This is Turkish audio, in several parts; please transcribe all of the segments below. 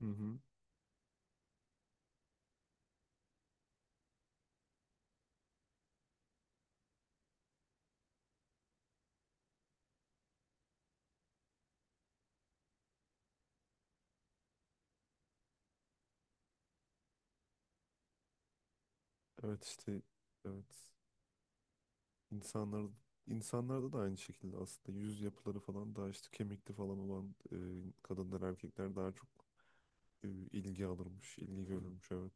Hı hı. Evet işte evet. İnsanlar insanlarda da aynı şekilde aslında yüz yapıları falan daha işte kemikli falan olan kadınlar erkekler daha çok ilgi alırmış, ilgi görürmüş evet.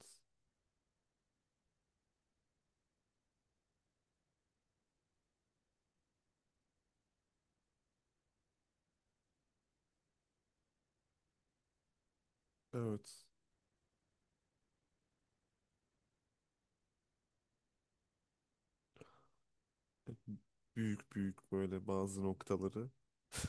Evet. Büyük büyük böyle bazı noktaları.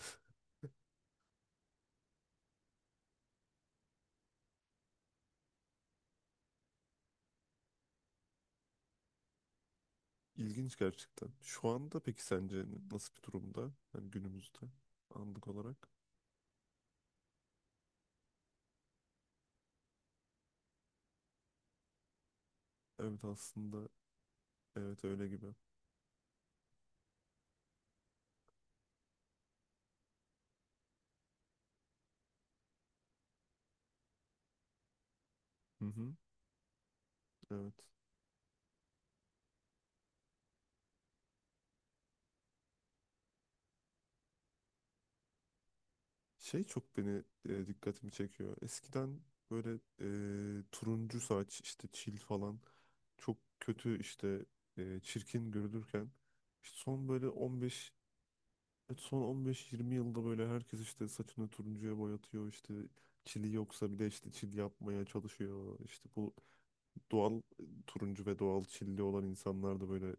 ilginç gerçekten. Şu anda peki sence nasıl bir durumda? Hani günümüzde anlık olarak. Evet aslında evet öyle gibi. Hı hı. Evet. Şey çok beni dikkatimi çekiyor. Eskiden böyle turuncu saç işte çil falan çok kötü işte çirkin görülürken işte son böyle 15, evet, son 15-20 yılda böyle herkes işte saçını turuncuya boyatıyor, işte çili yoksa bile işte çil yapmaya çalışıyor. İşte bu doğal turuncu ve doğal çilli olan insanlar da böyle bir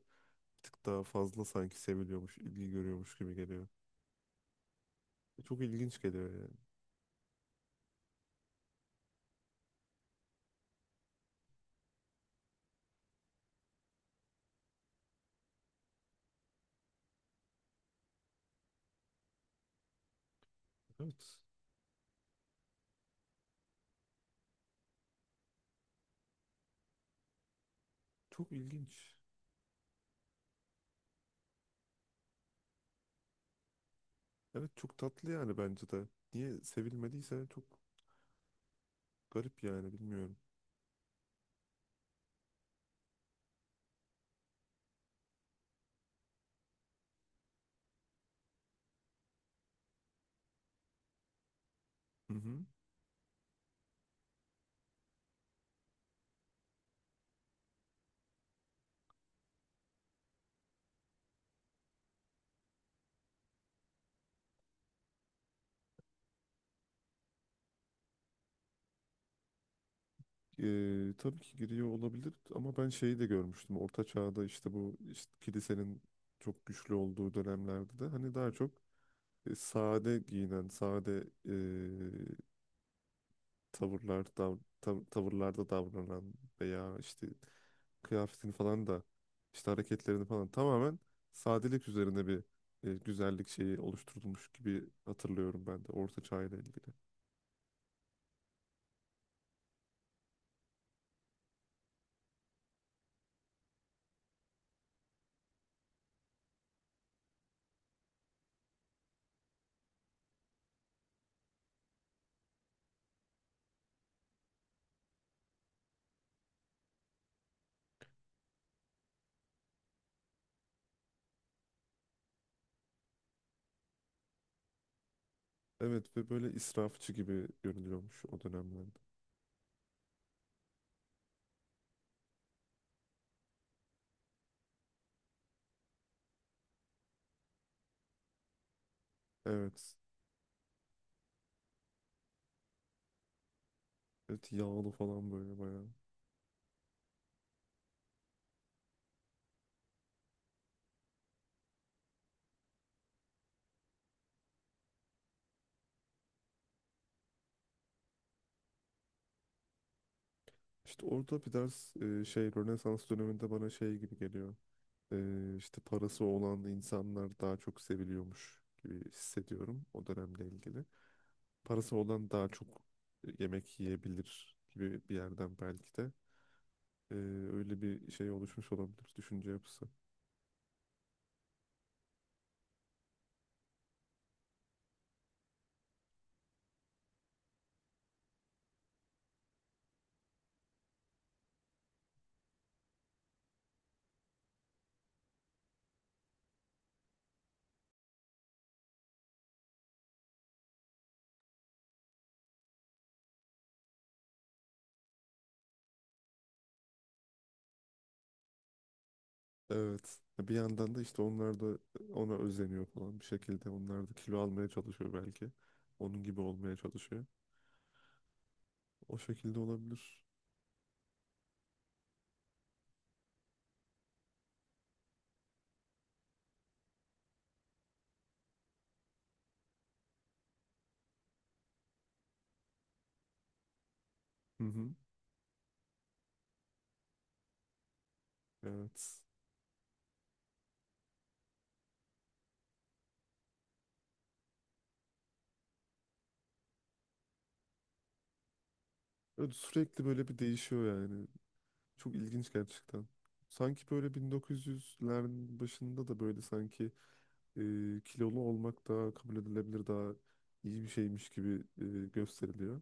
tık daha fazla sanki seviliyormuş, ilgi görüyormuş gibi geliyor. Çok ilginç geliyor yani. Evet. Çok ilginç. Evet, çok tatlı yani bence de. Niye sevilmediyse çok garip yani, bilmiyorum. Hı hı. Tabii ki giriyor olabilir, ama ben şeyi de görmüştüm. Orta Çağ'da işte, bu işte kilisenin çok güçlü olduğu dönemlerde de, hani daha çok sade giyinen, sade tavırlar dav tavırlarda davranan veya işte kıyafetini falan da işte hareketlerini falan tamamen sadelik üzerine bir güzellik şeyi oluşturulmuş gibi hatırlıyorum ben de Orta Çağ ile ilgili. Evet ve böyle israfçı gibi görünüyormuş o dönemlerde. Evet. Evet, yağlı falan böyle bayağı. İşte orada bir ders şey, Rönesans döneminde bana şey gibi geliyor. İşte parası olan insanlar daha çok seviliyormuş gibi hissediyorum o dönemle ilgili. Parası olan daha çok yemek yiyebilir gibi bir yerden belki de. Ee, Öyle bir şey oluşmuş olabilir düşünce yapısı. Evet. Bir yandan da işte onlar da ona özeniyor falan bir şekilde. Onlar da kilo almaya çalışıyor belki. Onun gibi olmaya çalışıyor. O şekilde olabilir. Hı hı. Evet. Evet, sürekli böyle bir değişiyor yani. Çok ilginç gerçekten. Sanki böyle 1900'lerin başında da böyle sanki e, kilolu olmak daha kabul edilebilir, daha iyi bir şeymiş gibi gösteriliyor.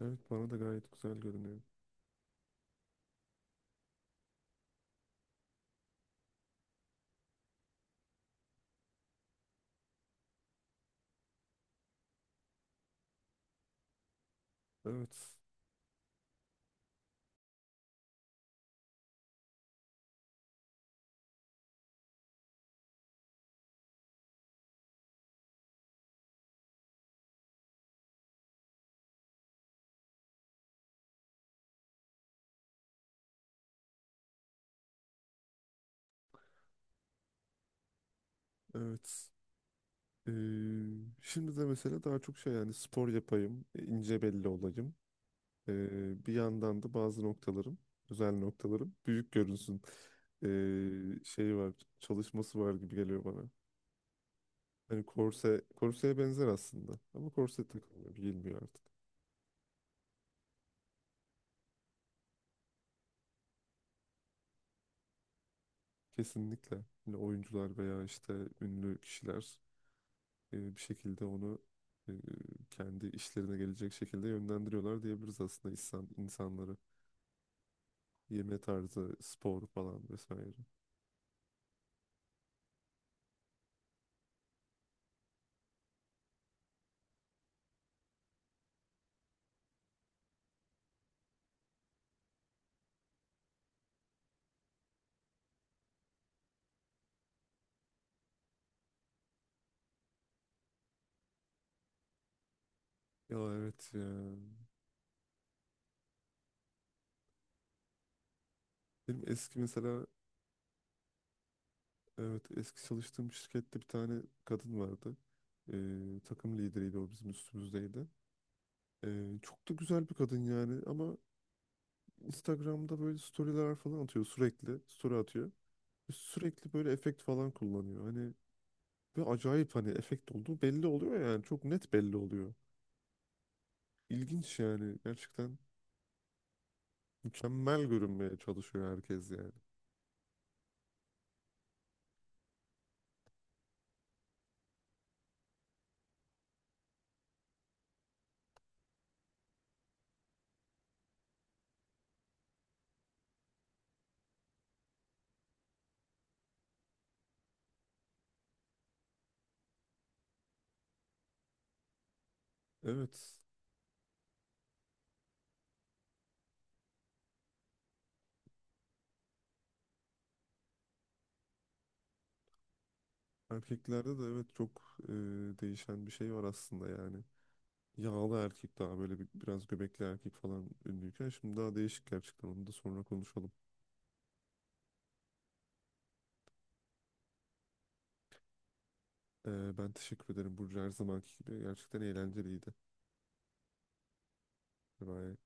Evet, bana da gayet güzel görünüyor. Evet, evet. E, Şimdi de mesela daha çok şey, yani spor yapayım, ince belli olayım. Bir yandan da özel noktalarım büyük görünsün. Şey var, çalışması var gibi geliyor bana. Hani korse, korseye benzer aslında. Ama korse takılmıyor, giyilmiyor artık. Kesinlikle. Hani oyuncular veya işte ünlü kişiler bir şekilde onu e, kendi işlerine gelecek şekilde yönlendiriyorlar diyebiliriz aslında insanları. Yeme tarzı, spor falan vesaire. Ya evet ya. Benim eski mesela, evet, eski çalıştığım şirkette bir tane kadın vardı. Takım lideriydi o, bizim üstümüzdeydi. Çok da güzel bir kadın yani, ama Instagram'da böyle storyler falan atıyor sürekli. Story atıyor. Sürekli böyle efekt falan kullanıyor. Hani ve acayip, hani efekt olduğu belli oluyor yani. Çok net belli oluyor. İlginç yani. Gerçekten mükemmel görünmeye çalışıyor herkes yani. Evet. Erkeklerde de evet çok değişen bir şey var aslında yani. Yağlı erkek daha böyle biraz göbekli erkek falan ünlüyken şimdi daha değişik, gerçekten onu da sonra konuşalım. Ben teşekkür ederim Burcu, her zamanki gibi. Gerçekten eğlenceliydi. Bye.